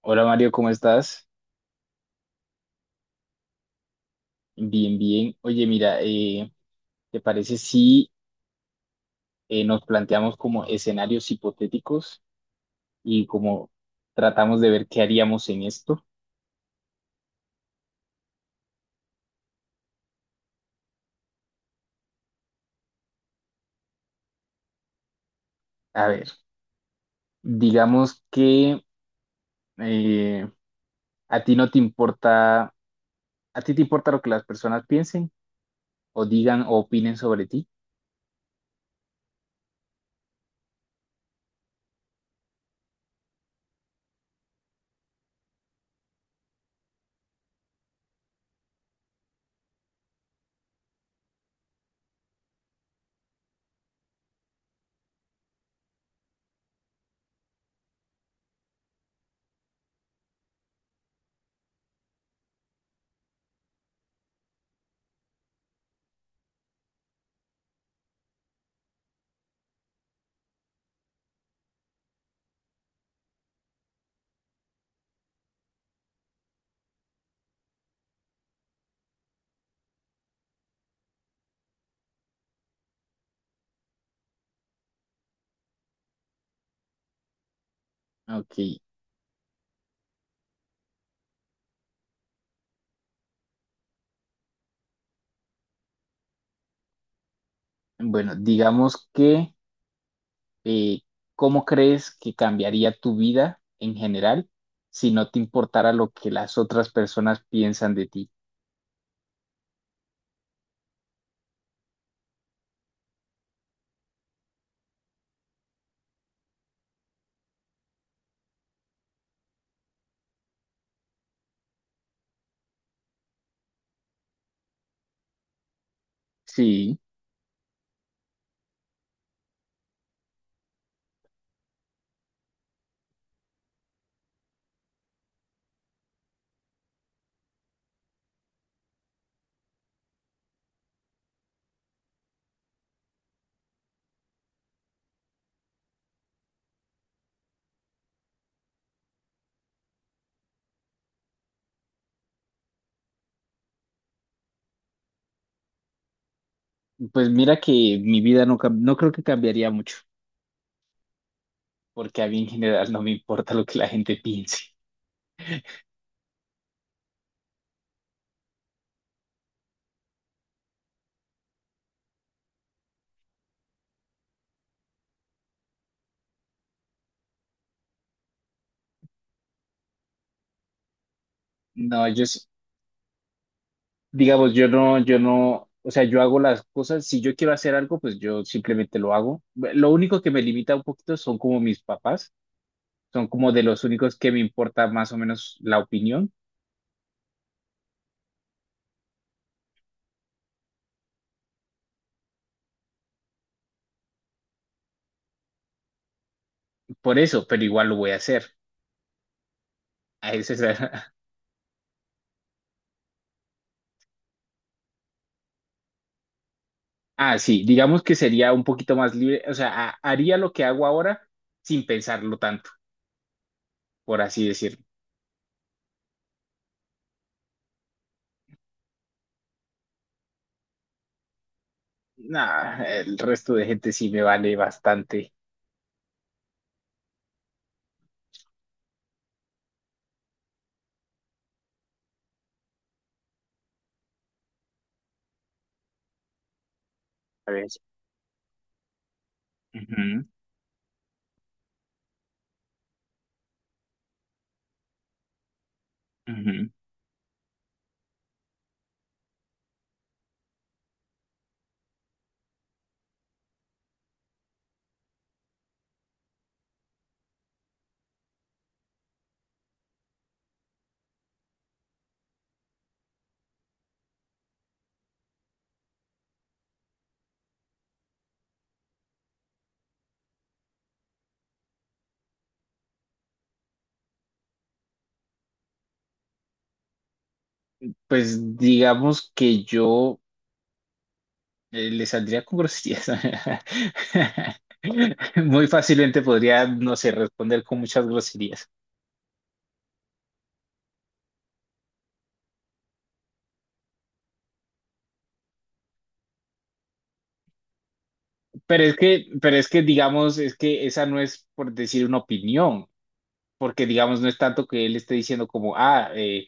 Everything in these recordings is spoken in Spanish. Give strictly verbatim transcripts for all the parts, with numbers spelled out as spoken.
Hola, Mario, ¿cómo estás? Bien, bien. Oye, mira, eh, ¿te parece si eh, nos planteamos como escenarios hipotéticos y como tratamos de ver qué haríamos en esto? A ver, digamos que eh, a ti no te importa, a ti te importa lo que las personas piensen o digan o opinen sobre ti. Ok, bueno, digamos que eh, ¿cómo crees que cambiaría tu vida en general si no te importara lo que las otras personas piensan de ti? Sí, pues mira que mi vida no, cam- no creo que cambiaría mucho, porque a mí en general no me importa lo que la gente piense. No, yo, s- digamos, yo no, yo no, o sea, yo hago las cosas, si yo quiero hacer algo, pues yo simplemente lo hago. Lo único que me limita un poquito son como mis papás, son como de los únicos que me importa más o menos la opinión, por eso, pero igual lo voy a hacer. a ese será- Ah, sí, digamos que sería un poquito más libre, o sea, ha- haría lo que hago ahora sin pensarlo tanto, por así decirlo. Nah, el resto de gente sí me vale bastante. A ver. Ujú, ujú. Pues digamos que yo, eh, le saldría con groserías. Muy fácilmente podría, no sé, responder con muchas groserías. Pero es que, pero es que digamos, es que esa no es por decir una opinión, porque digamos no es tanto que él esté diciendo como, ah, eh,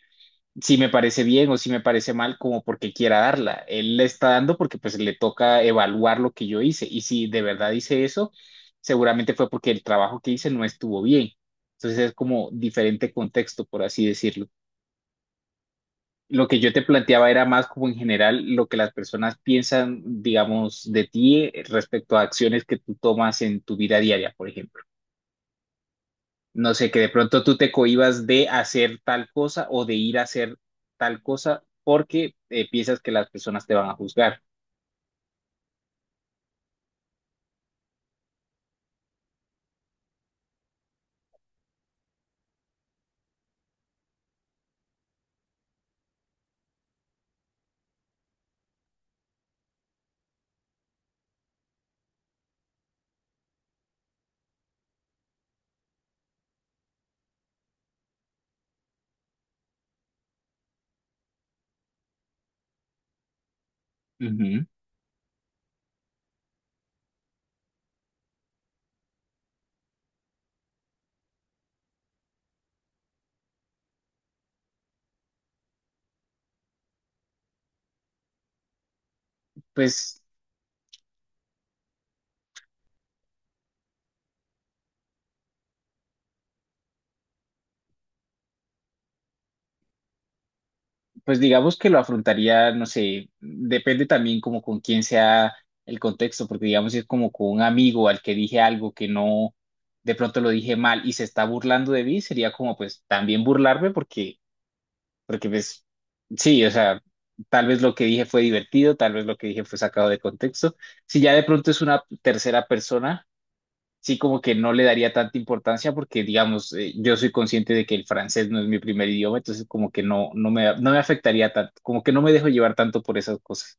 si me parece bien o si me parece mal, como porque quiera darla. Él le está dando porque pues le toca evaluar lo que yo hice, y si de verdad hice eso, seguramente fue porque el trabajo que hice no estuvo bien. Entonces es como diferente contexto, por así decirlo. Lo que yo te planteaba era más como en general lo que las personas piensan, digamos, de ti, eh, respecto a acciones que tú tomas en tu vida diaria, por ejemplo. No sé, que de pronto tú te cohibas de hacer tal cosa o de ir a hacer tal cosa porque, eh, piensas que las personas te van a juzgar. Ujú. Pues, pues digamos que lo afrontaría, no sé, depende también como con quién sea el contexto, porque digamos si es como con un amigo al que dije algo que no, de pronto lo dije mal y se está burlando de mí, sería como pues también burlarme porque, porque pues, sí, o sea, tal vez lo que dije fue divertido, tal vez lo que dije fue sacado de contexto. Si ya de pronto es una tercera persona, sí como que no le daría tanta importancia porque, digamos, eh, yo soy consciente de que el francés no es mi primer idioma, entonces como que no, no me, no me afectaría tanto, como que no me dejo llevar tanto por esas cosas.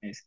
Es-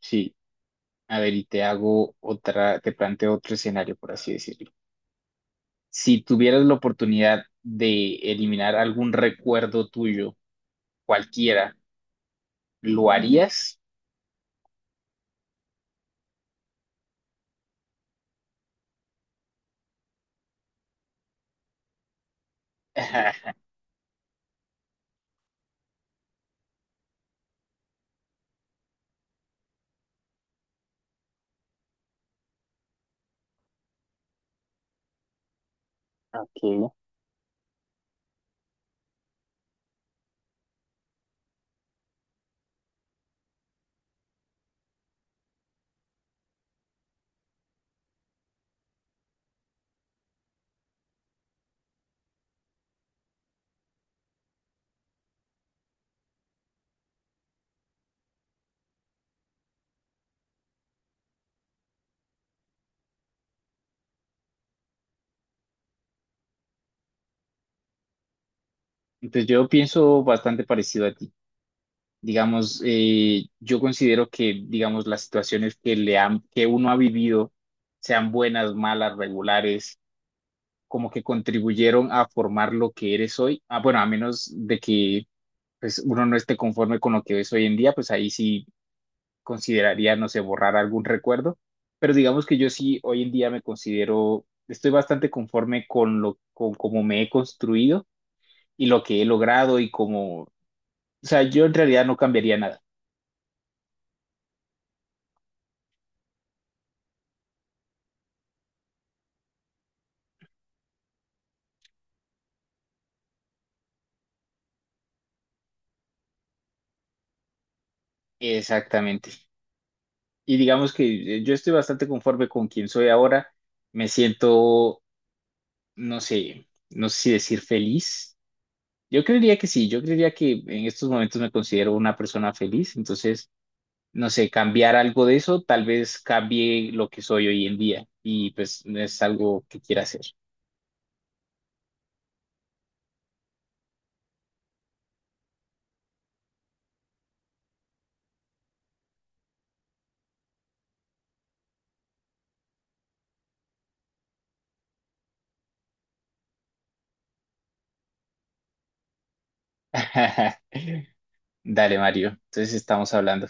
sí, a ver, y te hago otra, te planteo otro escenario, por así decirlo. Si tuvieras la oportunidad de eliminar algún recuerdo tuyo, cualquiera, ¿lo harías? Ok. Entonces yo pienso bastante parecido a ti. Digamos, eh, yo considero que, digamos, las situaciones que, le han, que uno ha vivido, sean buenas, malas, regulares, como que contribuyeron a formar lo que eres hoy. Ah, bueno, a menos de que, pues, uno no esté conforme con lo que es hoy en día, pues ahí sí consideraría, no sé, borrar algún recuerdo. Pero digamos que yo sí hoy en día me considero, estoy bastante conforme con lo, con cómo me he construido y lo que he logrado y como, o sea, yo en realidad no cambiaría nada. Exactamente. Y digamos que, eh, yo estoy bastante conforme con quien soy ahora. Me siento, no sé, no sé si decir feliz. Yo creería que sí, yo creería que en estos momentos me considero una persona feliz. Entonces, no sé, cambiar algo de eso, tal vez cambie lo que soy hoy en día. Y pues no es algo que quiera hacer. Dale, Mario. Entonces estamos hablando.